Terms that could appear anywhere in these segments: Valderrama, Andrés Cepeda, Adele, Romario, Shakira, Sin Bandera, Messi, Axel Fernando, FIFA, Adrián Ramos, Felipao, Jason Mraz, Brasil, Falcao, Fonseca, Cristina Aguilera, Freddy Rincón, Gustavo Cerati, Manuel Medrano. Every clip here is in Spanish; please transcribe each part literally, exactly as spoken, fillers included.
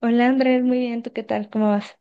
Hola Andrés, muy bien, ¿tú qué tal? ¿Cómo vas?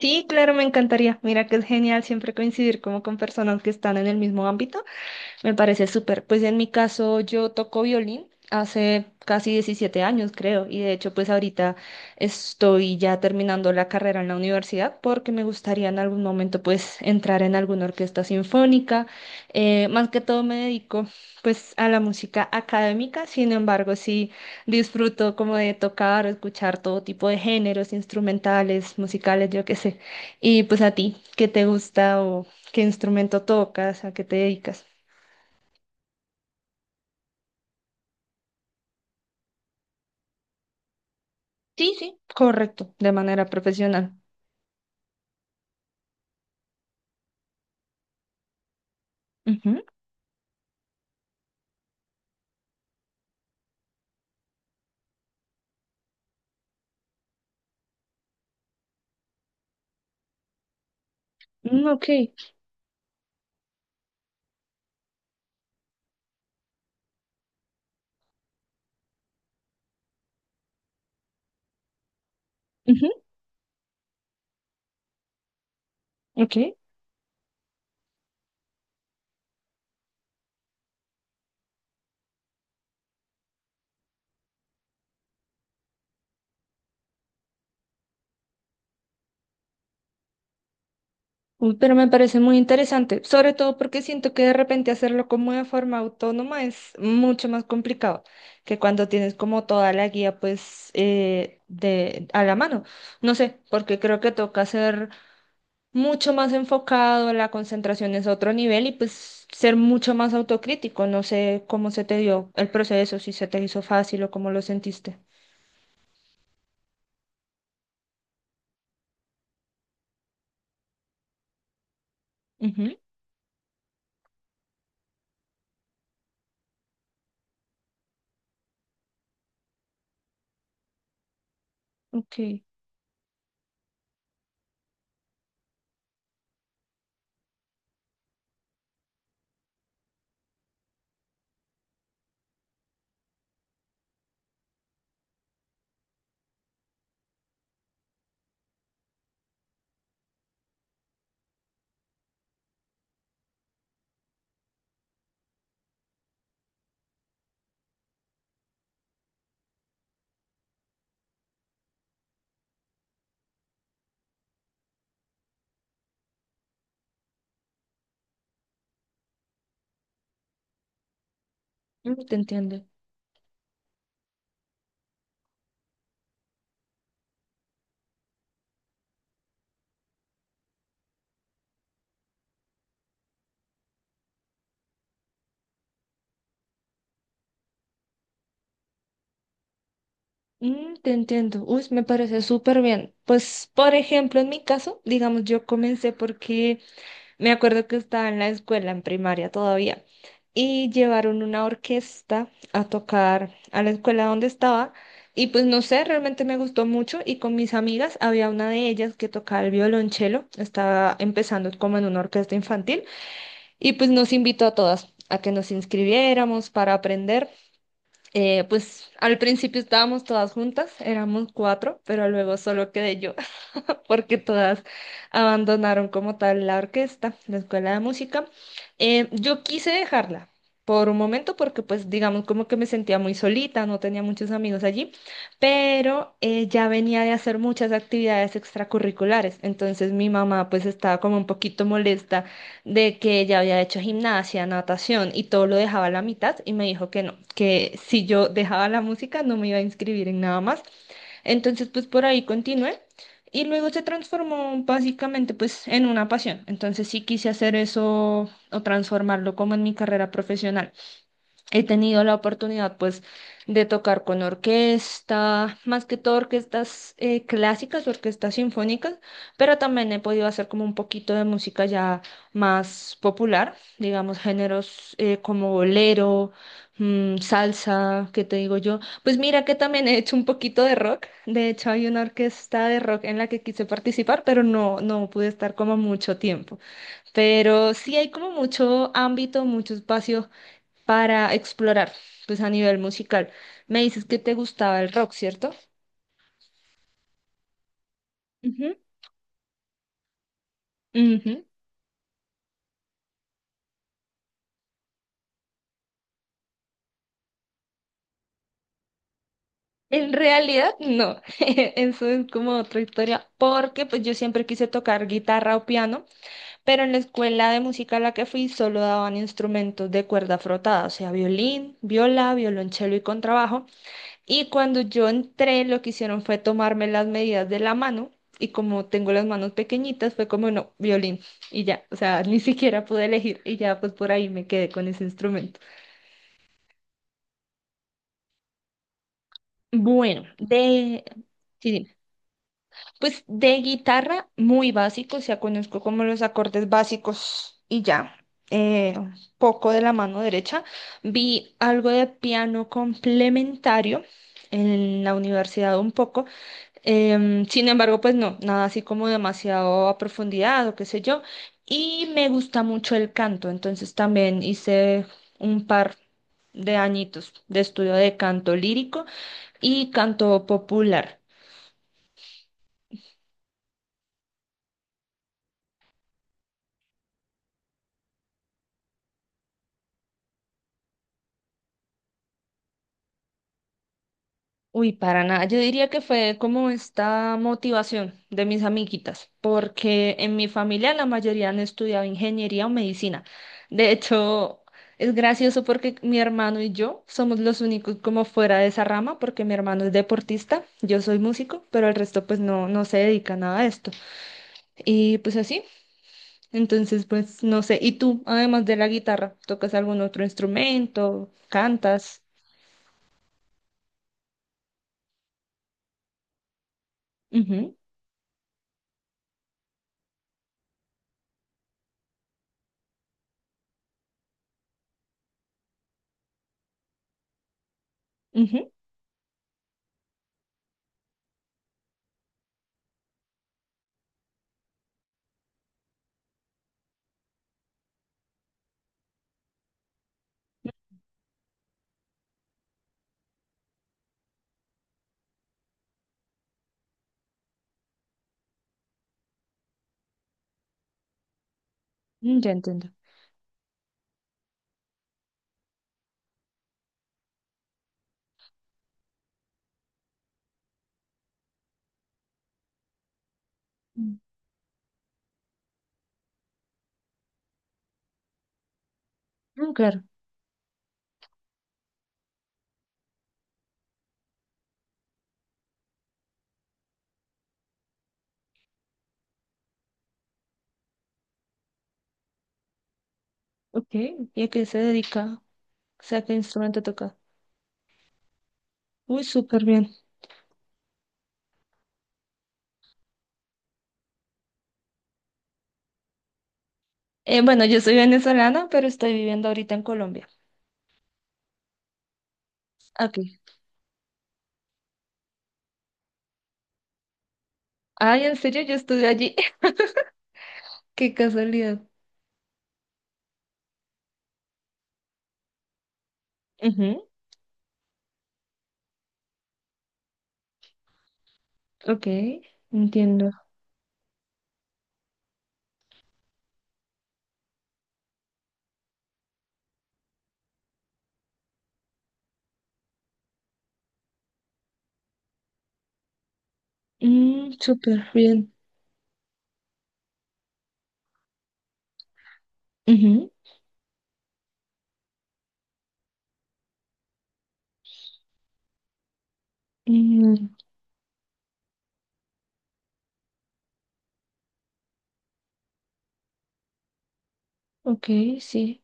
Sí, claro, me encantaría. Mira que es genial siempre coincidir como con personas que están en el mismo ámbito. Me parece súper. Pues en mi caso yo toco violín hace casi diecisiete años, creo, y de hecho pues ahorita estoy ya terminando la carrera en la universidad porque me gustaría en algún momento pues entrar en alguna orquesta sinfónica. Eh, más que todo me dedico pues a la música académica, sin embargo sí disfruto como de tocar o escuchar todo tipo de géneros instrumentales, musicales, yo qué sé. Y pues a ti, ¿qué te gusta o qué instrumento tocas, a qué te dedicas? Sí, sí, correcto, de manera profesional. Ujú, mm, ok, ujú, ok. Uy, pero me parece muy interesante, sobre todo porque siento que de repente hacerlo como de forma autónoma es mucho más complicado que cuando tienes como toda la guía pues eh, de a la mano. No sé, porque creo que toca ser mucho más enfocado, la concentración es otro nivel y pues ser mucho más autocrítico. No sé cómo se te dio el proceso, si se te hizo fácil o cómo lo sentiste. Ujú, ok. Mm, te entiendo. Mm, te entiendo. Uy, me parece súper bien. Pues, por ejemplo, en mi caso, digamos, yo comencé porque me acuerdo que estaba en la escuela, en primaria todavía, y llevaron una orquesta a tocar a la escuela donde estaba. Y pues no sé, realmente me gustó mucho y con mis amigas había una de ellas que tocaba el violonchelo, estaba empezando como en una orquesta infantil y pues nos invitó a todas a que nos inscribiéramos para aprender. Eh, pues al principio estábamos todas juntas, éramos cuatro, pero luego solo quedé yo. Porque todas abandonaron como tal la orquesta, la escuela de música. Eh, yo quise dejarla por un momento porque pues digamos como que me sentía muy solita, no tenía muchos amigos allí, pero eh, ya venía de hacer muchas actividades extracurriculares, entonces mi mamá pues estaba como un poquito molesta de que ella había hecho gimnasia, natación y todo lo dejaba a la mitad y me dijo que no, que si yo dejaba la música no me iba a inscribir en nada más entonces, pues por ahí continué y luego se transformó básicamente pues en una pasión. Entonces sí quise hacer eso o transformarlo como en mi carrera profesional. He tenido la oportunidad, pues, de tocar con orquesta, más que todo orquestas eh, clásicas, orquestas sinfónicas, pero también he podido hacer como un poquito de música ya más popular, digamos, géneros eh, como bolero, mm, salsa, ¿qué te digo yo? Pues mira que también he hecho un poquito de rock. De hecho, hay una orquesta de rock en la que quise participar, pero no, no pude estar como mucho tiempo. Pero sí hay como mucho ámbito, mucho espacio para explorar, pues a nivel musical. Me dices que te gustaba el rock, ¿cierto? Ujú, ujú. En realidad, no. Eso es como otra historia, porque pues yo siempre quise tocar guitarra o piano, pero en la escuela de música a la que fui solo daban instrumentos de cuerda frotada, o sea, violín, viola, violonchelo y contrabajo. Y cuando yo entré, lo que hicieron fue tomarme las medidas de la mano y como tengo las manos pequeñitas, fue como, no, violín y ya, o sea, ni siquiera pude elegir y ya pues por ahí me quedé con ese instrumento. Bueno, de, sí, dime. Pues de guitarra muy básico, o sea, conozco como los acordes básicos y ya. eh, Poco de la mano derecha. Vi algo de piano complementario en la universidad un poco. Em, sin embargo, pues no, nada así como demasiado a profundidad o qué sé yo. Y me gusta mucho el canto, entonces también hice un par de añitos de estudio de canto lírico y canto popular. Uy, para nada. Yo diría que fue como esta motivación de mis amiguitas, porque en mi familia la mayoría han estudiado ingeniería o medicina. De hecho, es gracioso porque mi hermano y yo somos los únicos como fuera de esa rama, porque mi hermano es deportista, yo soy músico, pero el resto pues no, no se dedica a nada a esto. Y pues así, entonces pues no sé. ¿Y tú, además de la guitarra, tocas algún otro instrumento? ¿Cantas? Ujú, ujú, mm, ya entiendo. Mm, claro. Ok, ¿y a qué se dedica? O sea, ¿qué instrumento toca? Uy, súper bien. Eh, bueno, yo soy venezolana, pero estoy viviendo ahorita en Colombia. Ok. Ay, en serio, yo estuve allí. Qué casualidad. Ujú, ok, entiendo. Mm, súper bien. Ujú, mm, ok, sí.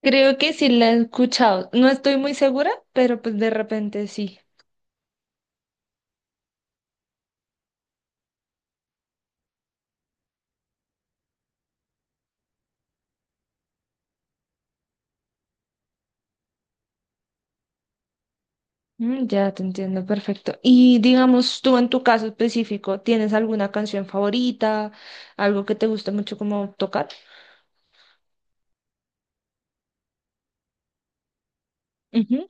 Creo que sí la he escuchado. No estoy muy segura, pero pues de repente sí. Mm, ya te entiendo, perfecto. Y digamos, tú en tu caso específico, ¿tienes alguna canción favorita? ¿Algo que te guste mucho como tocar? Ujú.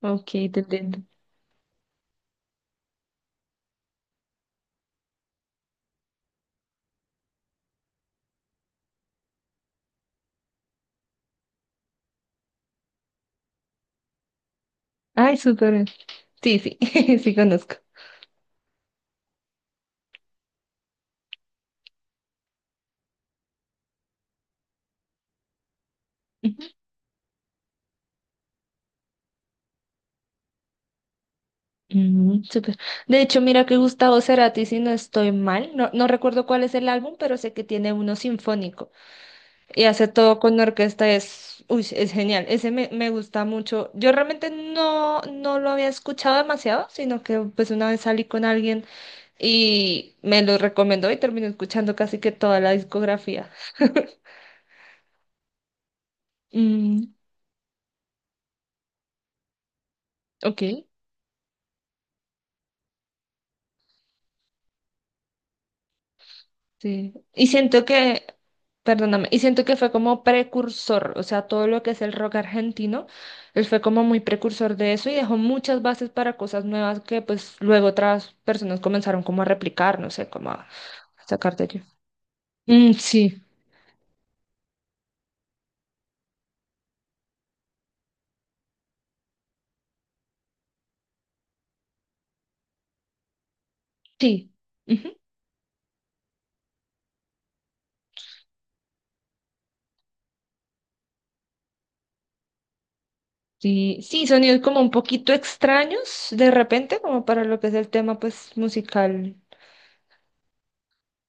Ok, te entiendo. Ay, súper bien. Sí, sí, sí conozco. Ujú. Mm, súper. De hecho, mira que Gustavo Cerati, si no estoy mal, no, no recuerdo cuál es el álbum, pero sé que tiene uno sinfónico y hace todo con orquesta, es, uy, es genial. Ese me, me gusta mucho. Yo realmente no, no lo había escuchado demasiado, sino que pues una vez salí con alguien y me lo recomendó y terminé escuchando casi que toda la discografía. Mm, ok. Sí. Y siento que, perdóname, y siento que fue como precursor, o sea, todo lo que es el rock argentino, él fue como muy precursor de eso y dejó muchas bases para cosas nuevas que pues luego otras personas comenzaron como a replicar, no sé, como a sacar de ello. Mm, sí. Sí. Ujú. Sí, sí, sonidos como un poquito extraños de repente, como para lo que es el tema pues musical.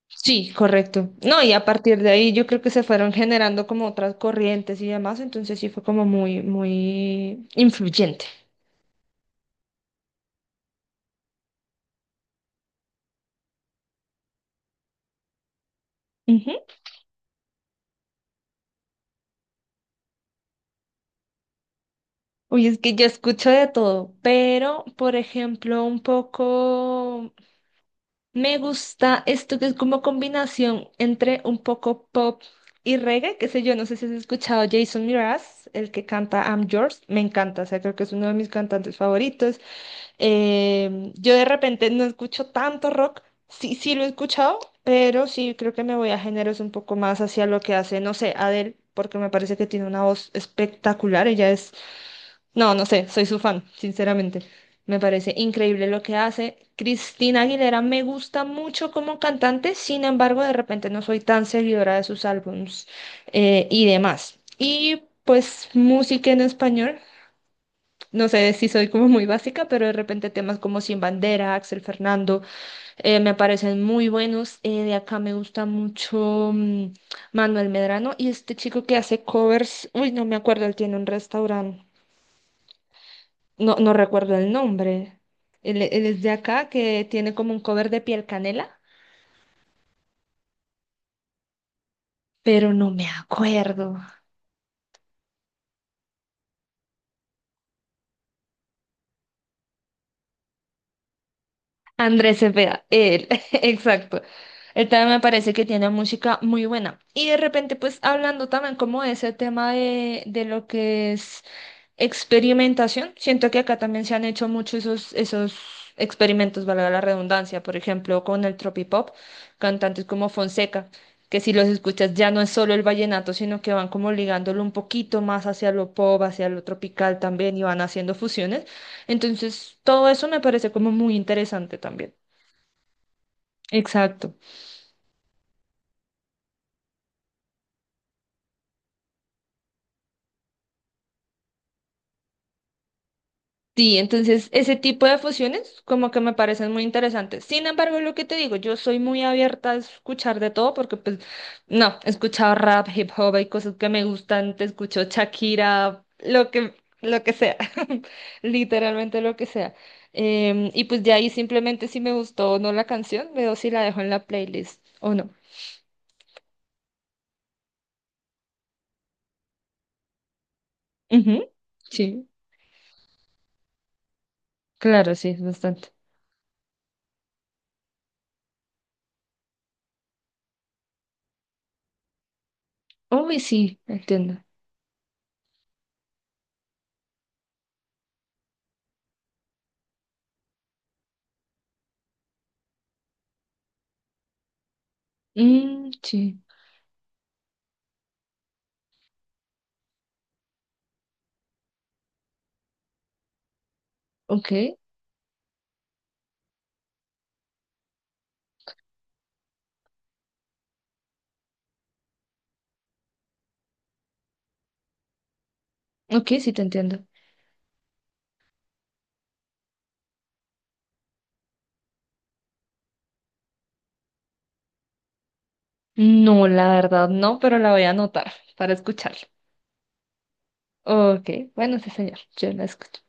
Sí, correcto. No, y a partir de ahí yo creo que se fueron generando como otras corrientes y demás, entonces sí fue como muy, muy influyente. Ujú. Uy, es que yo escucho de todo, pero por ejemplo, un poco me gusta esto que es como combinación entre un poco pop y reggae, qué sé yo, no sé si has escuchado Jason Mraz, el que canta I'm Yours, me encanta, o sea, creo que es uno de mis cantantes favoritos. Em, yo de repente no escucho tanto rock, sí, sí lo he escuchado, pero sí creo que me voy a géneros un poco más hacia lo que hace, no sé, Adele, porque me parece que tiene una voz espectacular, ella es, no, no sé, soy su fan, sinceramente. Me parece increíble lo que hace. Cristina Aguilera me gusta mucho como cantante, sin embargo, de repente no soy tan seguidora de sus álbums eh, y demás. Y pues música en español. No sé si soy como muy básica, pero de repente temas como Sin Bandera, Axel Fernando, eh, me parecen muy buenos. Eh, de acá me gusta mucho mm, Manuel Medrano y este chico que hace covers, uy, no me acuerdo, él tiene un restaurante, no, no recuerdo el nombre. Él, él es de acá que tiene como un cover de Piel Canela, pero no me acuerdo. Andrés Cepeda, él, exacto. Él también me parece que tiene música muy buena. Y de repente, pues hablando también como de ese tema de, de lo que es experimentación, siento que acá también se han hecho muchos esos, esos experimentos, valga la redundancia, por ejemplo, con el tropipop, cantantes como Fonseca, que si los escuchas ya no es solo el vallenato, sino que van como ligándolo un poquito más hacia lo pop, hacia lo tropical también y van haciendo fusiones. Entonces, todo eso me parece como muy interesante también. Exacto. Sí, entonces ese tipo de fusiones como que me parecen muy interesantes. Sin embargo, lo que te digo, yo soy muy abierta a escuchar de todo porque pues no, he escuchado rap, hip hop, hay cosas que me gustan, te escucho Shakira, lo que lo que sea, literalmente lo que sea. Em, y pues de ahí simplemente si me gustó o no la canción, veo si la dejo en la playlist o no. Ujú, sí, claro, sí, es bastante. Uy, sí, entiendo. Mm, sí, ok. Ok, sí te entiendo. No, la verdad no, pero la voy a anotar para escucharla. Ok, bueno, sí, señor, yo la escucho.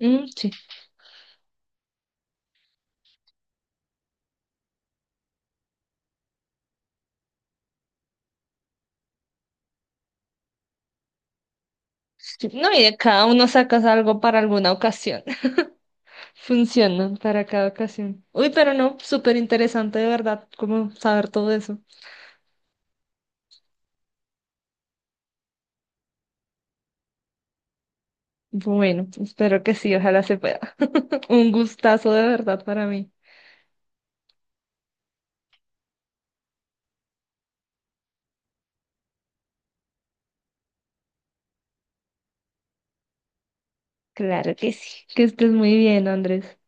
Mm, sí. Sí, no, y de cada uno sacas algo para alguna ocasión. Funcionan para cada ocasión. Uy, pero no, súper interesante de verdad, como saber todo eso. Bueno, espero que sí, ojalá se pueda. Un gustazo de verdad para mí. Claro que sí. Que estés muy bien, Andrés.